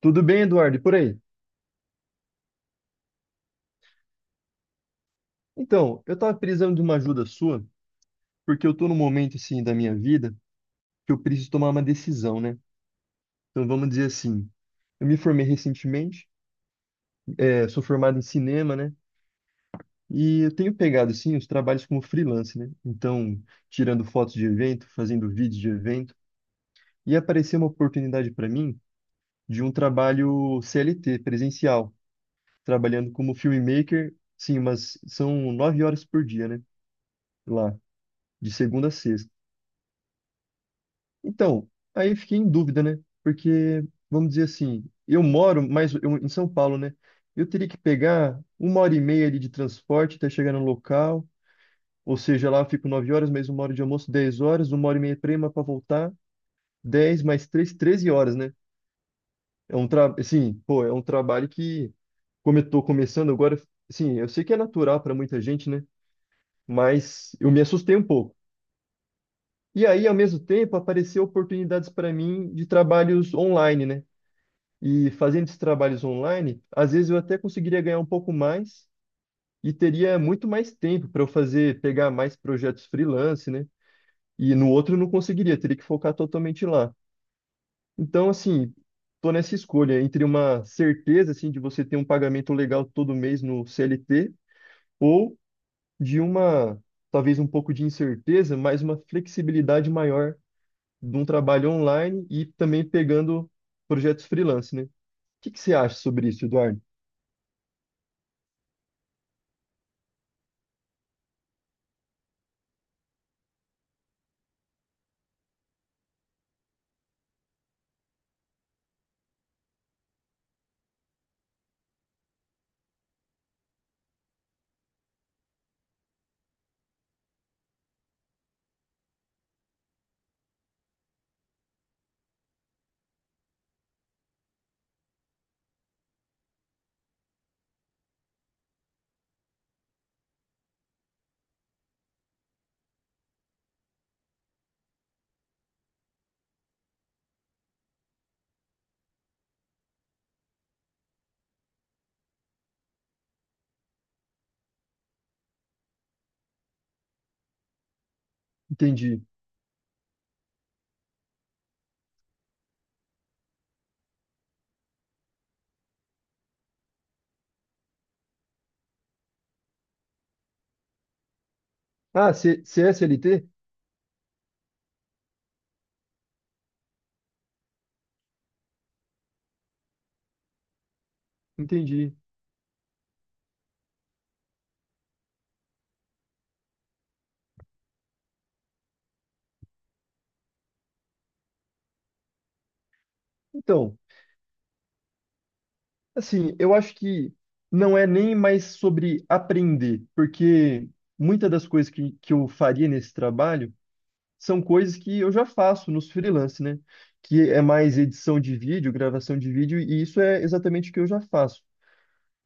Tudo bem, Eduardo? E por aí? Então, eu estava precisando de uma ajuda sua, porque eu estou num momento assim da minha vida que eu preciso tomar uma decisão, né? Então, vamos dizer assim, eu me formei recentemente, sou formado em cinema, né? E eu tenho pegado assim os trabalhos como freelance, né? Então, tirando fotos de evento, fazendo vídeos de evento, e apareceu uma oportunidade para mim de um trabalho CLT, presencial, trabalhando como filmmaker, sim, mas são 9 horas por dia, né? Lá, de segunda a sexta. Então, aí eu fiquei em dúvida, né? Porque, vamos dizer assim, eu moro mais em São Paulo, né? Eu teria que pegar 1h30 ali de transporte até chegar no local. Ou seja, lá eu fico 9 horas, mais 1 hora de almoço, 10 horas, 1h30 prima para voltar, 10 mais três, 13 horas, né? Assim, pô, é um trabalho que, como eu tô começando agora, assim, eu sei que é natural para muita gente, né? Mas eu me assustei um pouco. E aí, ao mesmo tempo, apareceram oportunidades para mim de trabalhos online, né? E fazendo esses trabalhos online, às vezes eu até conseguiria ganhar um pouco mais e teria muito mais tempo para eu fazer, pegar mais projetos freelance, né? E no outro eu não conseguiria, teria que focar totalmente lá. Então, assim, tô nessa escolha entre uma certeza, assim, de você ter um pagamento legal todo mês no CLT ou de uma, talvez um pouco de incerteza, mas uma flexibilidade maior de um trabalho online e também pegando projetos freelance, né? O que que você acha sobre isso, Eduardo? Entendi. Ah, C CSLT? Entendi. Então, assim, eu acho que não é nem mais sobre aprender, porque muitas das coisas que eu faria nesse trabalho são coisas que eu já faço nos freelance, né? Que é mais edição de vídeo, gravação de vídeo, e isso é exatamente o que eu já faço.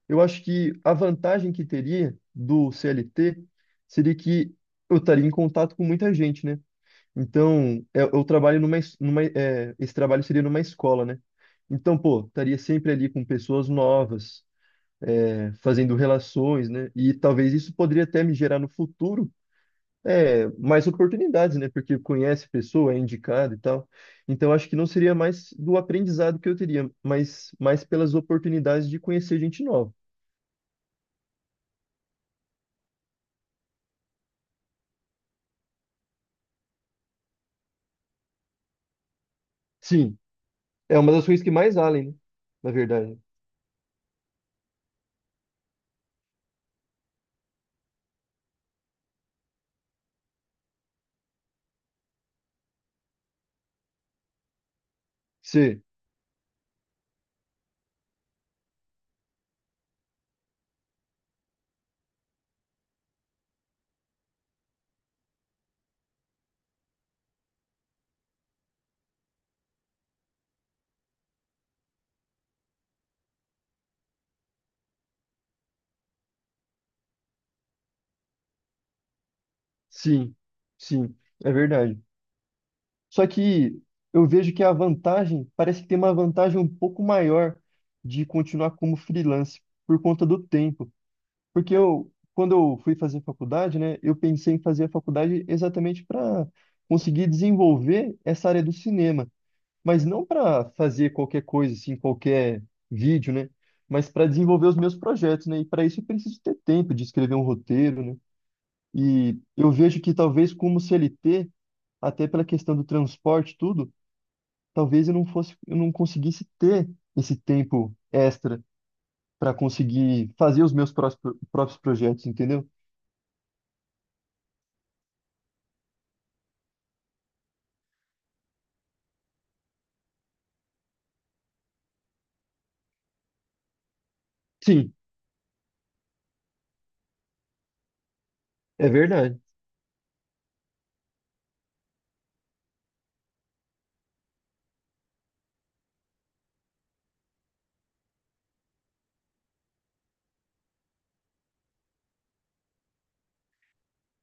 Eu acho que a vantagem que teria do CLT seria que eu estaria em contato com muita gente, né? Então, eu trabalho numa, esse trabalho seria numa escola, né? Então, pô, estaria sempre ali com pessoas novas, fazendo relações, né? E talvez isso poderia até me gerar no futuro, mais oportunidades, né? Porque conhece pessoa, é indicado e tal. Então, acho que não seria mais do aprendizado que eu teria, mas mais pelas oportunidades de conhecer gente nova. Sim, é uma das coisas que mais valem, né? Na verdade. Sim, sim, sim, é verdade. Só que eu vejo que a vantagem, parece que tem uma vantagem um pouco maior de continuar como freelance por conta do tempo. Porque eu, quando eu fui fazer faculdade, né, eu pensei em fazer a faculdade exatamente para conseguir desenvolver essa área do cinema, mas não para fazer qualquer coisa assim, qualquer vídeo, né, mas para desenvolver os meus projetos, né? E para isso eu preciso ter tempo de escrever um roteiro, né? E eu vejo que talvez como CLT, até pela questão do transporte, e tudo, talvez eu não conseguisse ter esse tempo extra para conseguir fazer os meus próprios projetos, entendeu? Sim, é verdade.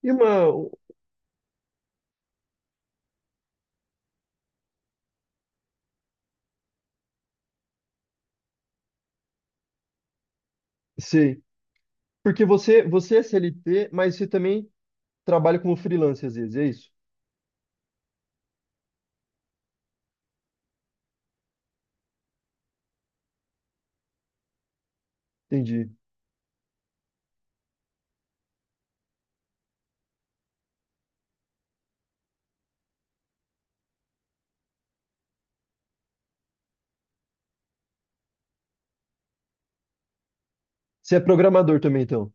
E uma, sei, Porque você é CLT, mas você também trabalha como freelancer às vezes, é isso? Entendi. Você é programador também, então?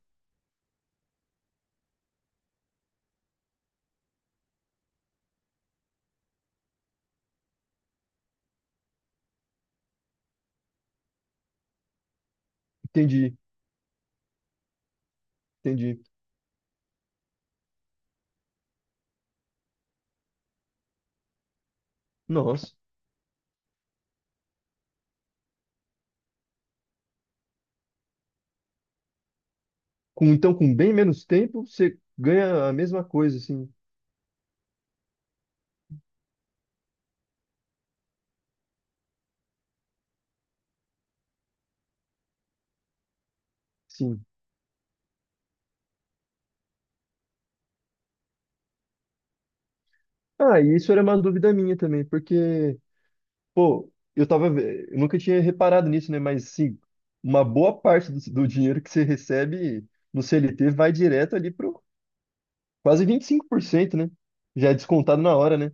Entendi, entendi. Nossa. Então, com bem menos tempo, você ganha a mesma coisa, assim. Sim. Ah, e isso era uma dúvida minha também, porque Pô, eu nunca tinha reparado nisso, né? Mas sim, uma boa parte do dinheiro que você recebe no CLT vai direto ali pro quase 25%, né? Já é descontado na hora, né?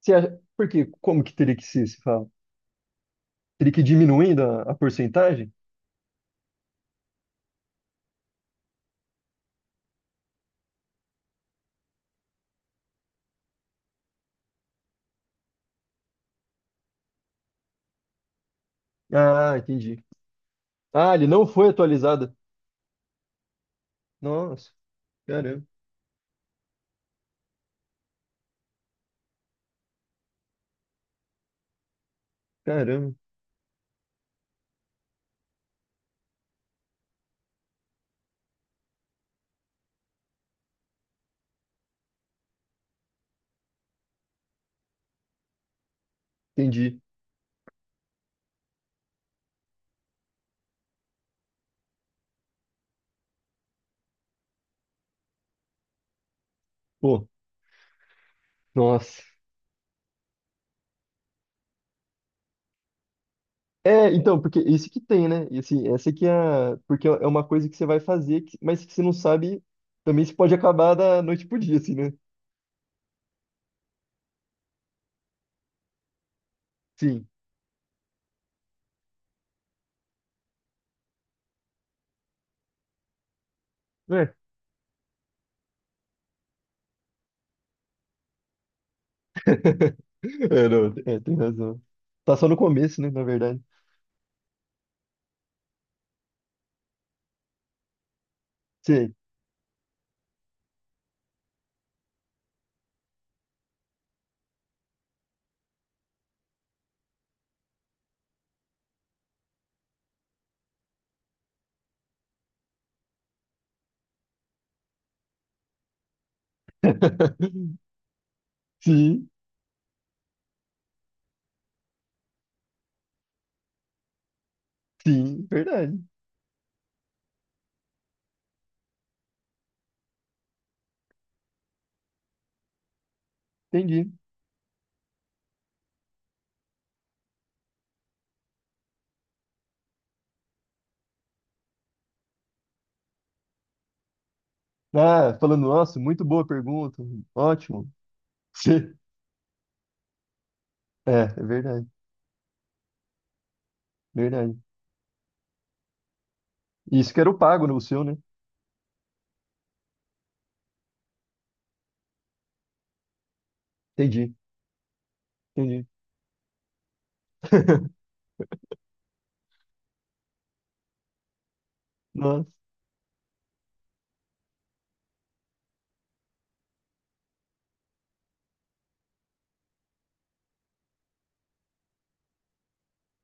Você acha, por quê? Como que teria que ser, se fala? Teria que ir diminuindo a porcentagem? Ah, entendi. Ah, ele não foi atualizado. Nossa, caramba, caramba, entendi. Pô, nossa. É, então, porque isso que tem, né? E assim, essa que é a... Porque é uma coisa que você vai fazer, mas que você não sabe, também se pode acabar da noite pro dia, assim, né? Sim. É. É, não, é, tem razão. Tá só no começo, né, na verdade. Sim, sim, sim, verdade. Entendi. Ah, falando, nossa, muito boa pergunta. Ótimo. Sim. É verdade, verdade. Isso que era o pago, né, o seu, né? Entendi, entendi. Nossa,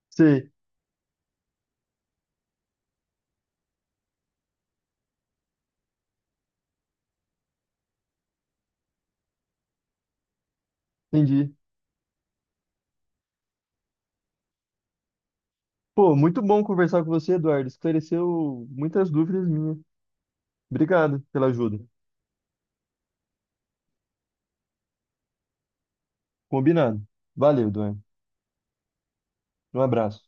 sei, entendi. Pô, muito bom conversar com você, Eduardo. Esclareceu muitas dúvidas minhas. Obrigado pela ajuda. Combinado. Valeu, Eduardo. Um abraço.